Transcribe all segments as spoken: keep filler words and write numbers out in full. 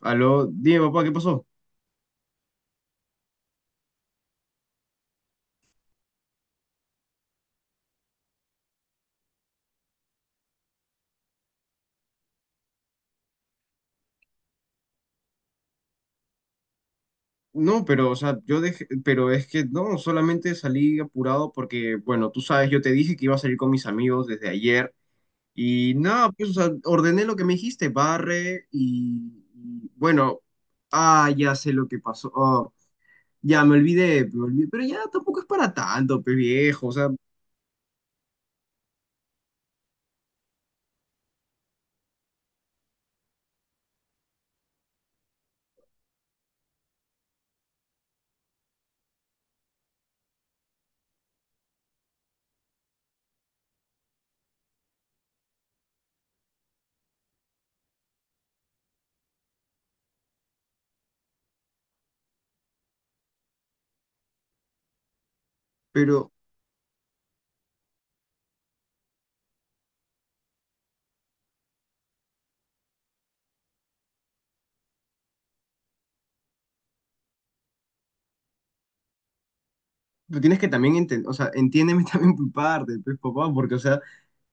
Aló, dime papá, ¿qué pasó? No, pero, o sea, yo dejé, pero es que no, solamente salí apurado porque, bueno, tú sabes, yo te dije que iba a salir con mis amigos desde ayer y nada, pues, o sea, ordené lo que me dijiste, barre y, y, bueno, ah, ya sé lo que pasó. Oh, ya me olvidé, me olvidé, pero ya tampoco es para tanto, pe viejo, o sea, pero tú tienes que también entender, o sea, entiéndeme también por parte, pues, papá, porque, o sea,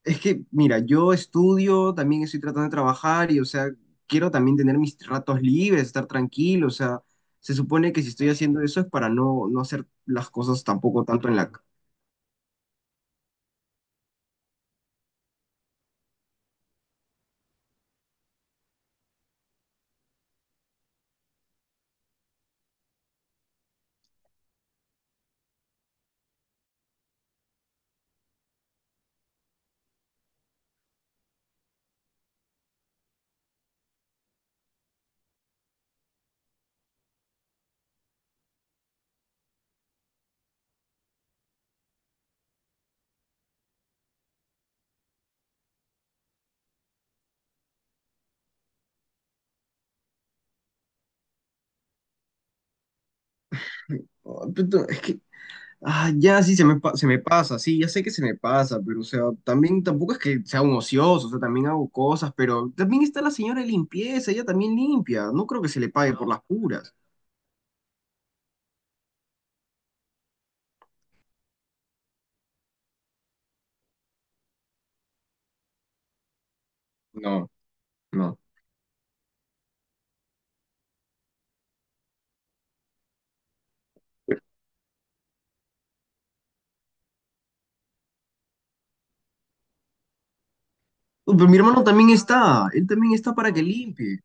es que, mira, yo estudio, también estoy tratando de trabajar y, o sea, quiero también tener mis ratos libres, estar tranquilo, o sea, se supone que si estoy haciendo eso es para no, no hacer las cosas tampoco tanto en la... ca- Oh, puto, es que, ah, ya sí, se me, pa- se me pasa. Sí, ya sé que se me pasa, pero, o sea, también tampoco es que sea un ocioso, o sea, también hago cosas, pero también está la señora de limpieza, ella también limpia, no creo que se le pague por no, las puras. No, no. Uh, pero mi hermano también está, él también está para que limpie.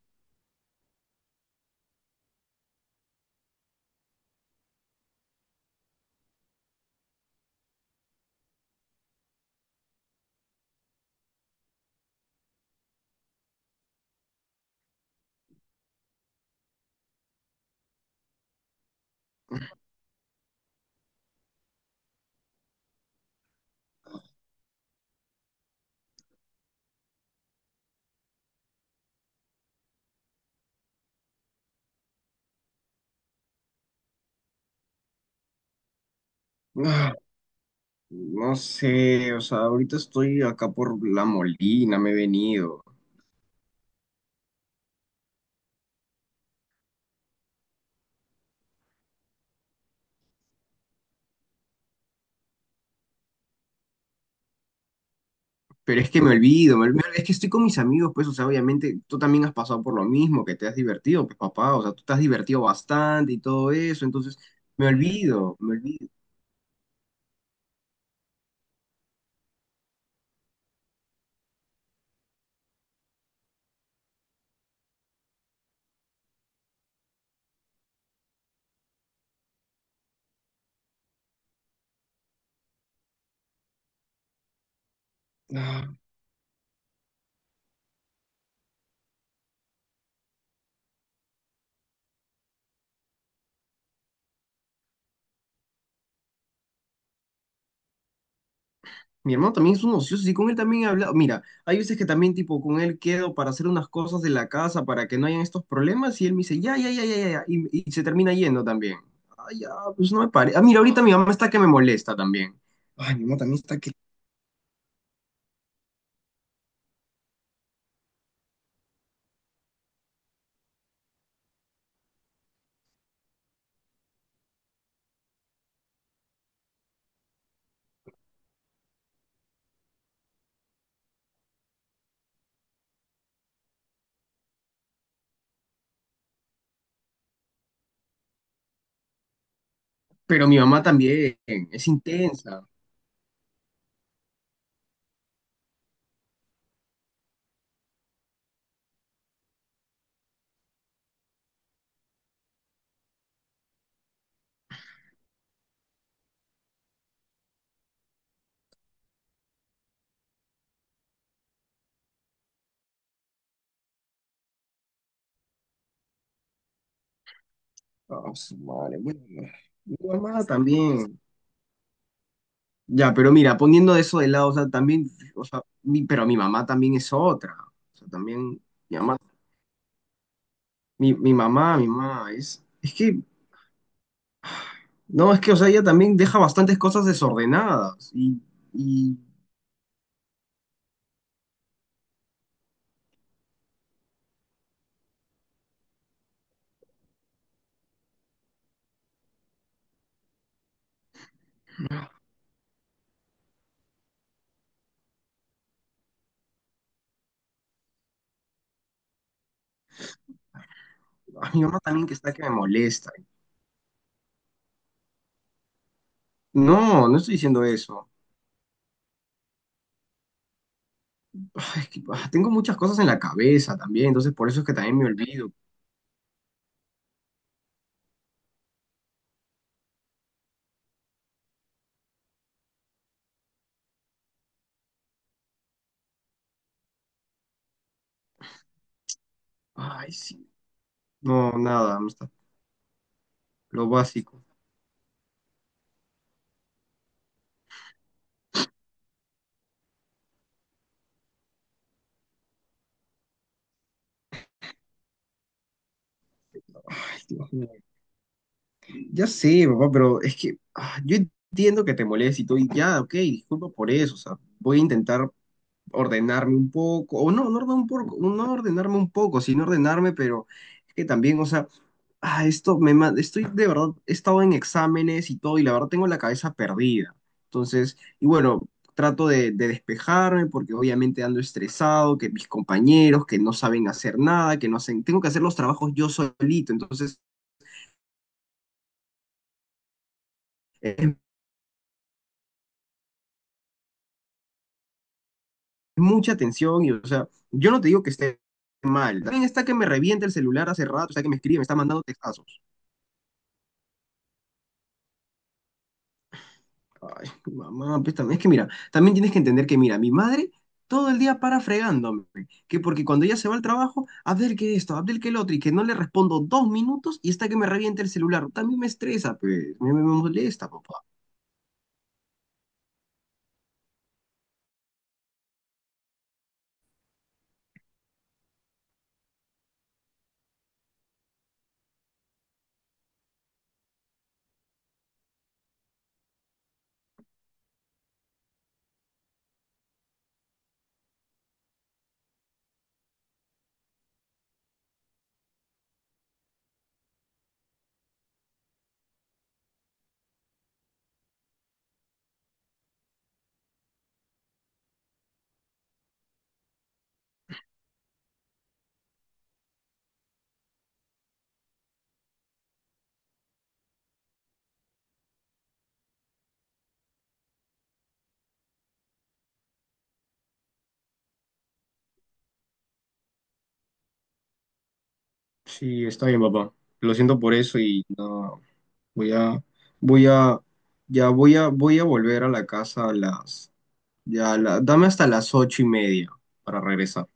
Ah, no sé, o sea, ahorita estoy acá por La Molina, me he venido. Pero es que me olvido, me olvido, es que estoy con mis amigos, pues, o sea, obviamente tú también has pasado por lo mismo, que te has divertido, pues, papá, o sea, tú te has divertido bastante y todo eso, entonces me olvido, me olvido. Mi hermano también es un ocioso y con él también he hablado. Mira, hay veces que también tipo con él quedo para hacer unas cosas de la casa para que no hayan estos problemas y él me dice, ya, ya, ya, ya, ya, ya", y, y se termina yendo también. Ay, ya, pues no me parece. Ah, mira, ahorita mi mamá está que me molesta también. Ay, mi mamá también está que... Pero mi mamá también es intensa. Ah, su madre, bueno. Mi mamá también. Ya, pero mira, poniendo eso de lado, o sea, también, o sea, mi- pero mi mamá también es otra. O sea, también, mi mamá, mi, mi mamá, mi mamá, es, es que no, es que, o sea, ella también deja bastantes cosas desordenadas y, y a mi mamá también que está que me molesta. No, no estoy diciendo eso. Ay, es que, ah, tengo muchas cosas en la cabeza también, entonces por eso es que también me olvido. Ay, sí. No, nada, no está- lo básico. Ay, Dios mío. Ya sé, papá, pero es que ah, yo entiendo que te moleste y todo, y ya, ok, disculpa por eso, o sea, voy a intentar ordenarme un poco, o no, no, ordenar un poco, no ordenarme un poco, sino ordenarme, pero es que también, o sea, ah, esto me ma- estoy de verdad, he estado en exámenes y todo, y la verdad tengo la cabeza perdida. Entonces, y bueno, trato de, de despejarme porque obviamente ando estresado, que mis compañeros que no saben hacer nada, que no hacen, tengo que hacer los trabajos yo solito, entonces es mucha tensión y, o sea, yo no te digo que esté mal, también está que me revienta el celular hace rato, está que me escribe, me está mandando textazos. Ay, mamá, pues también es que mira, también tienes que entender que mira, mi madre todo el día para fregándome, que porque cuando ella se va al trabajo, Abdel que esto, Abdel que el otro, y que no le respondo dos minutos y está que me revienta el celular. También me estresa, pues, me, me me molesta, papá. Sí, está bien, papá. Lo siento por eso y no, voy a, voy a, ya voy a, voy a volver a la casa a las, ya, a la- dame hasta las ocho y media para regresar.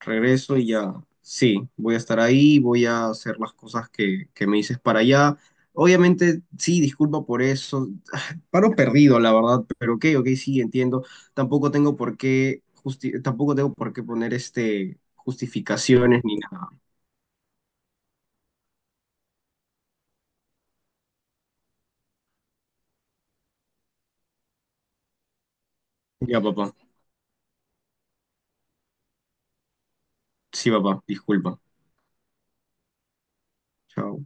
Regreso y ya, sí, voy a estar ahí, voy a hacer las cosas que, que me dices para allá. Obviamente, sí, disculpa por eso, paro perdido, la verdad, pero ok, ok, sí, entiendo. Tampoco tengo por qué, justi- tampoco tengo por qué poner este, justificaciones ni nada. Ya, papá, sí, papá, disculpa. Chao.